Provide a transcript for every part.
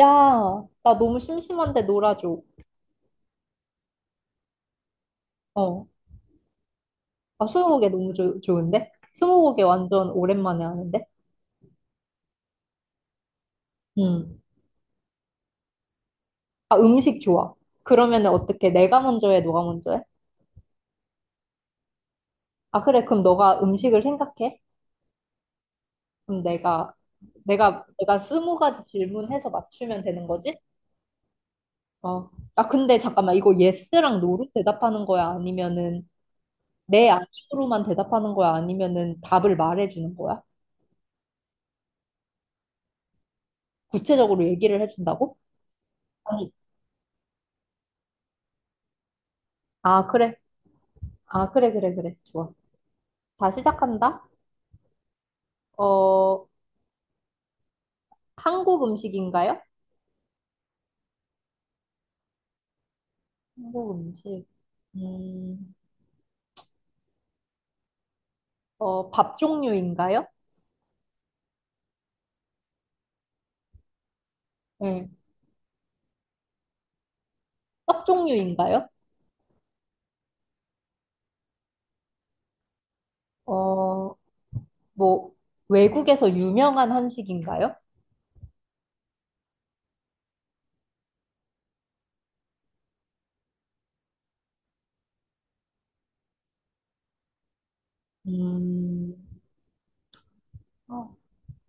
야, 나 너무 심심한데 놀아줘. 어. 아, 스무고개 너무 좋 좋은데? 스무고개 완전 오랜만에 하는데? 음. 아, 음식 좋아. 그러면은 어떻게? 내가 먼저 해, 너가 먼저 해? 아, 그래. 그럼 너가 음식을 생각해? 그럼 내가 스무 가지 질문해서 맞추면 되는 거지? 어. 아, 근데 잠깐만. 이거 예스랑 노로 대답하는 거야? 아니면은 네, 아니로만 대답하는 거야? 아니면은 답을 말해주는 거야? 구체적으로 얘기를 해준다고? 아니, 아, 그래. 아, 그래, 그래, 그래. 좋아. 다 시작한다. 어, 한국 음식인가요? 한국 음식. 음, 어, 밥 종류인가요? 네. 떡 종류인가요? 어, 뭐, 외국에서 유명한 한식인가요? 음, 어,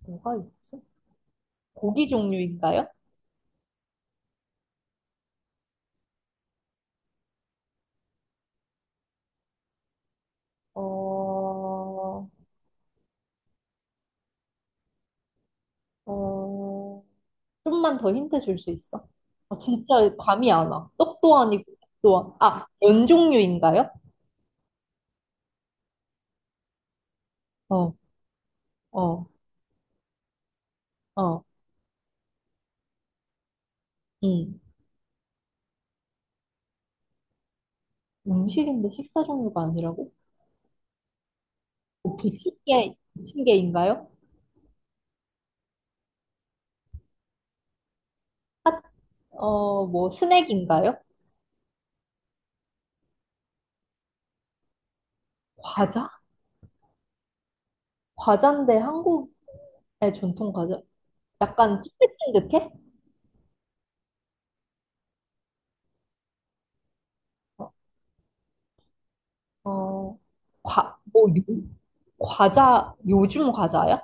뭐가 있지? 고기 종류인가요? 어, 어, 좀만 더 힌트 줄 수 있어? 어, 진짜 감이 안 와. 떡도 아니고, 떡도 안, 아, 면 종류인가요? 어, 어. 어. 음. 음식인데 식사 종류가 아니라고? 뭐 부침개인가요? 어, 뭐 스낵인가요? 과자? 과자인데 한국의 전통 과자? 약간 찐득찐득해? 어, 어, 과, 뭐, 요, 과자, 요즘 과자야?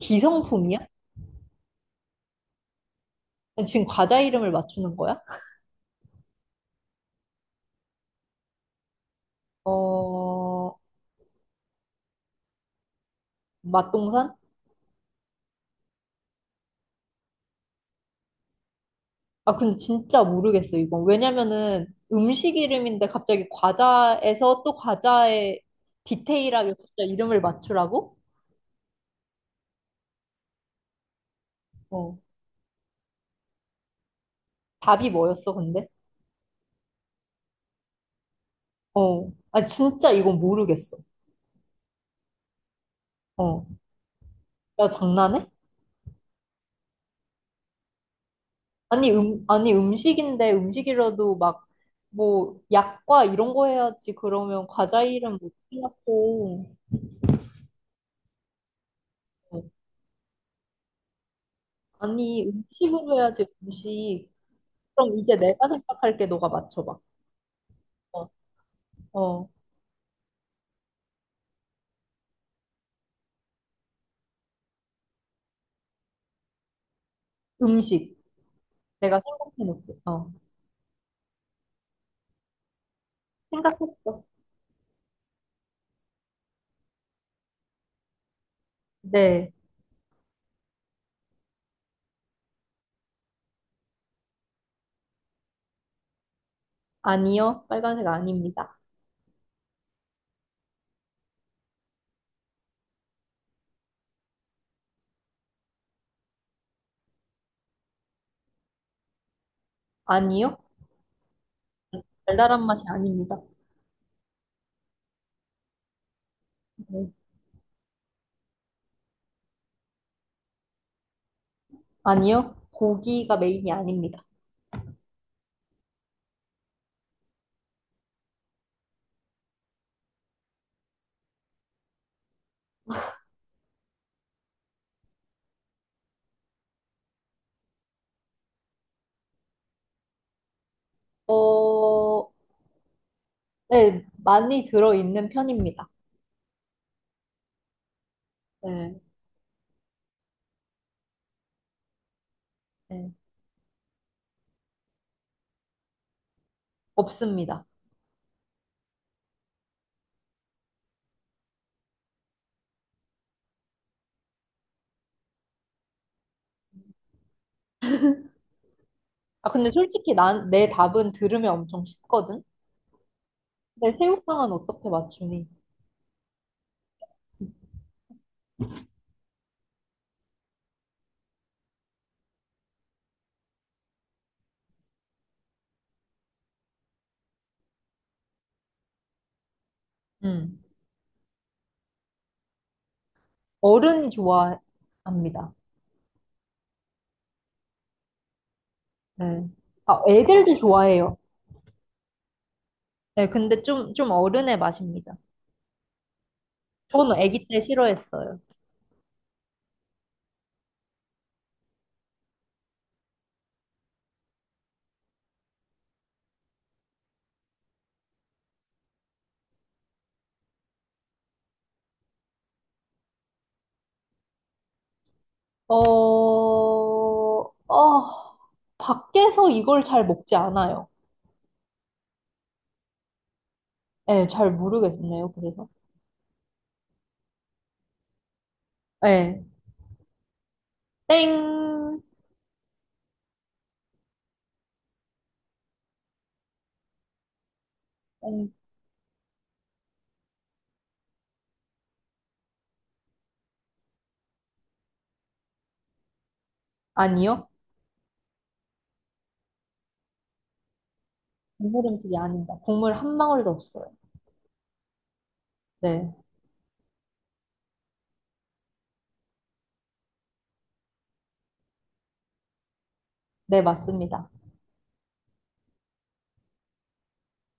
기성품이야? 지금 과자 이름을 맞추는 거야? 어, 맛동산? 아, 근데 진짜 모르겠어, 이건. 왜냐면은 음식 이름인데 갑자기 과자에서 또 과자에 디테일하게 진짜 이름을 맞추라고? 어. 답이 뭐였어, 근데? 어. 아, 진짜 이건 모르겠어. 어. 야, 장난해? 아니, 아니, 음식인데 음식이라도 막, 뭐, 약과 이런 거 해야지. 그러면 과자 이름 못 틀렸고. 어. 아니, 음식으로 해야지, 음식. 그럼 이제 내가 생각할게, 너가 맞춰봐. 어. 어. 음식. 내가 생각해놓을게. 어, 생각했어. 네. 아니요. 빨간색 아닙니다. 아니요. 달달한 맛이 아닙니다. 네. 아니요. 고기가 메인이 아닙니다. 어, 네. 많이 들어있는 편입니다. 네. 네. 없습니다. 아, 근데 솔직히 내 답은 들으면 엄청 쉽거든? 근데 새우깡은 어떻게 맞추니? 음. 어른이 좋아합니다. 네. 아, 애들도 좋아해요. 네. 근데 좀 어른의 맛입니다. 저는 아기 때 싫어했어요. 어, 어, 밖에서 이걸 잘 먹지 않아요. 네, 잘 모르겠네요, 그래서. 네. 땡, 땡, 아니요. 국물 음식이 아닙니다. 국물 한 방울도 없어요. 네. 네, 맞습니다.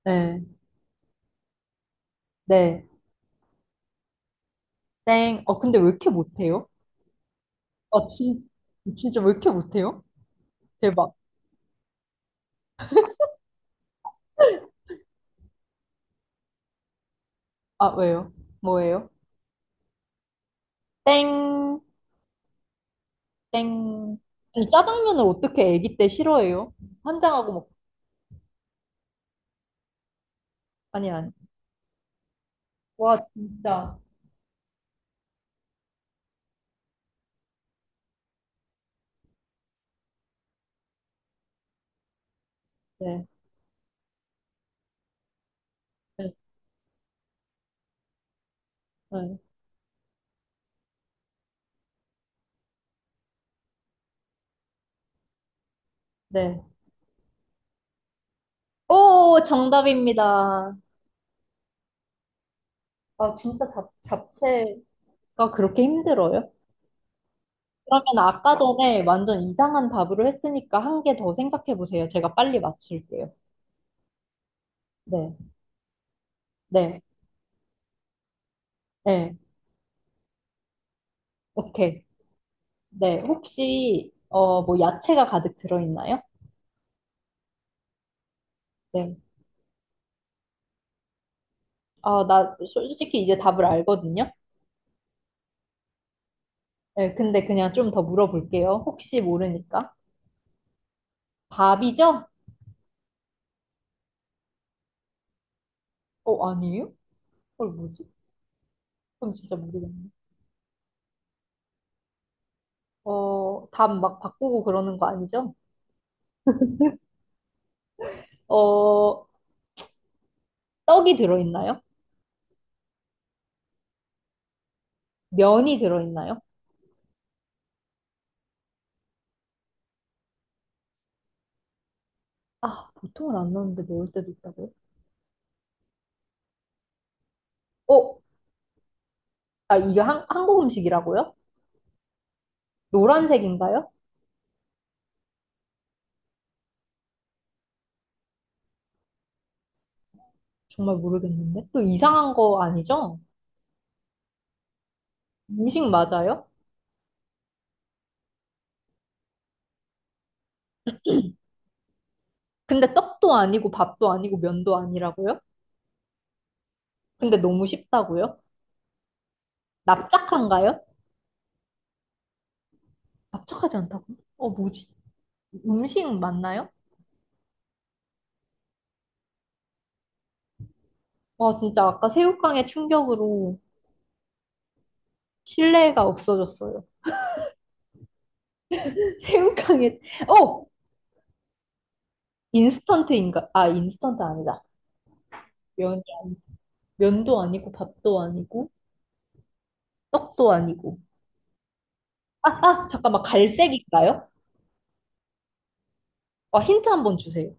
네. 네. 땡. 어, 근데 왜 이렇게 못해요? 아 진, 진짜 왜 이렇게 못해요? 대박. 아, 왜요? 뭐예요? 땡, 땡. 아니, 짜장면을 어떻게 아기 때 싫어해요? 환장하고 먹, 아니, 아니. 와, 진짜. 네. 네. 네. 네. 오, 정답입니다. 아, 진짜 잡채가 그렇게 힘들어요? 그러면 아까 전에 완전 이상한 답으로 했으니까 한 개 더 생각해 보세요. 제가 빨리 맞힐게요. 네. 네. 네. 오케이. 네. 혹시, 어, 뭐, 야채가 가득 들어있나요? 네. 아, 나 솔직히 이제 답을 알거든요. 네. 근데 그냥 좀 더 물어볼게요. 혹시 모르니까. 밥이죠? 어, 아니에요? 헐, 뭐지? 그럼 진짜 모르겠네. 어, 답 막 바꾸고 그러는 거 아니죠? 어, 떡이 들어있나요? 면이 들어있나요? 아, 보통은 안 넣는데 넣을 때도 있다고요? 어, 아, 이게 한국 음식이라고요? 노란색인가요? 정말 모르겠는데. 또 이상한 거 아니죠? 음식 맞아요? 근데 떡도 아니고 밥도 아니고 면도 아니라고요? 근데 너무 쉽다고요? 납작한가요? 납작하지 않다고요? 어, 뭐지? 음식 맞나요? 와, 진짜 아까 새우깡의 충격으로 신뢰가 없어졌어요. 새우깡에 어 인스턴트인가? 아 인스턴트 아니다. 면 면도 아니고 밥도 아니고 떡도 아니고. 아, 아 잠깐만 갈색인가요? 아 힌트 한번 주세요.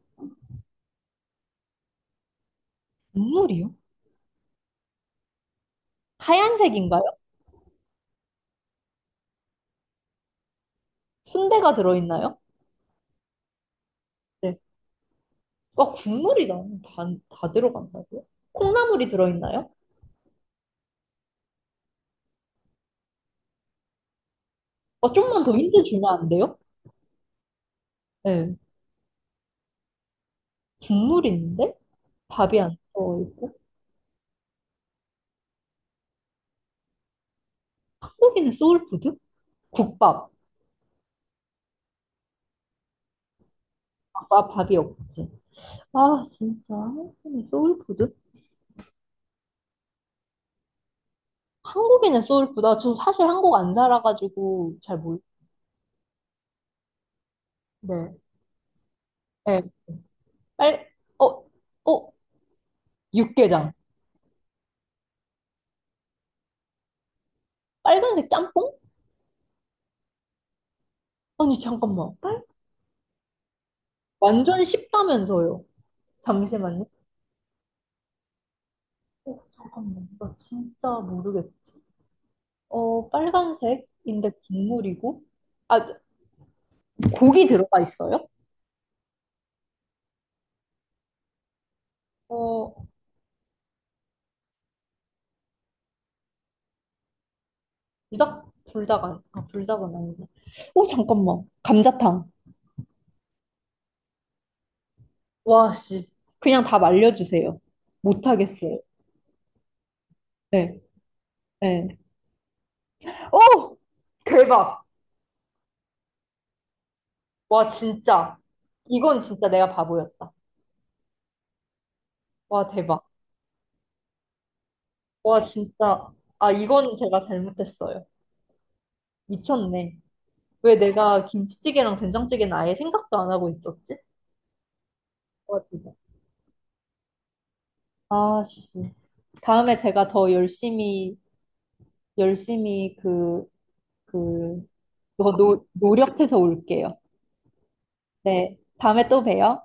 국물이요? 하얀색인가요? 순대가 들어있나요? 네. 와 다 들어간다고요? 콩나물이 들어있나요? 아 좀만 더 힌트 주면 안 돼요? 네. 국물 있는데 밥이 안 들어있고 한국인의 소울푸드? 국밥. 아 밥이 없지. 아 진짜 한국인의 소울푸드? 한국인의 소울푸드. 아, 저 사실 한국 안 살아가지고 잘 몰. 네. 네. 빨. 어. 어. 육개장. 빨간색 짬뽕? 아니 잠깐만. 빨... 완전 쉽다면서요. 잠시만요. 어, 잠깐만. 나 진짜 모르겠어. 어, 빨간색인데 국물이고. 아, 고기 들어가 있어요? 어, 불닭 불닭은 아니고. 어, 잠깐만. 감자탕. 와, 씨. 그냥 답 알려주세요. 못하겠어요. 네. 네. 오! 대박. 와, 진짜. 이건 진짜 내가 바보였다. 와, 대박. 와, 진짜. 아, 이건 제가 잘못했어요. 미쳤네. 왜 내가 김치찌개랑 된장찌개는 아예 생각도 안 하고 있었지? 와, 대박. 아, 씨. 다음에 제가 열심히 그, 더 노력해서 올게요. 네. 다음에 또 봬요.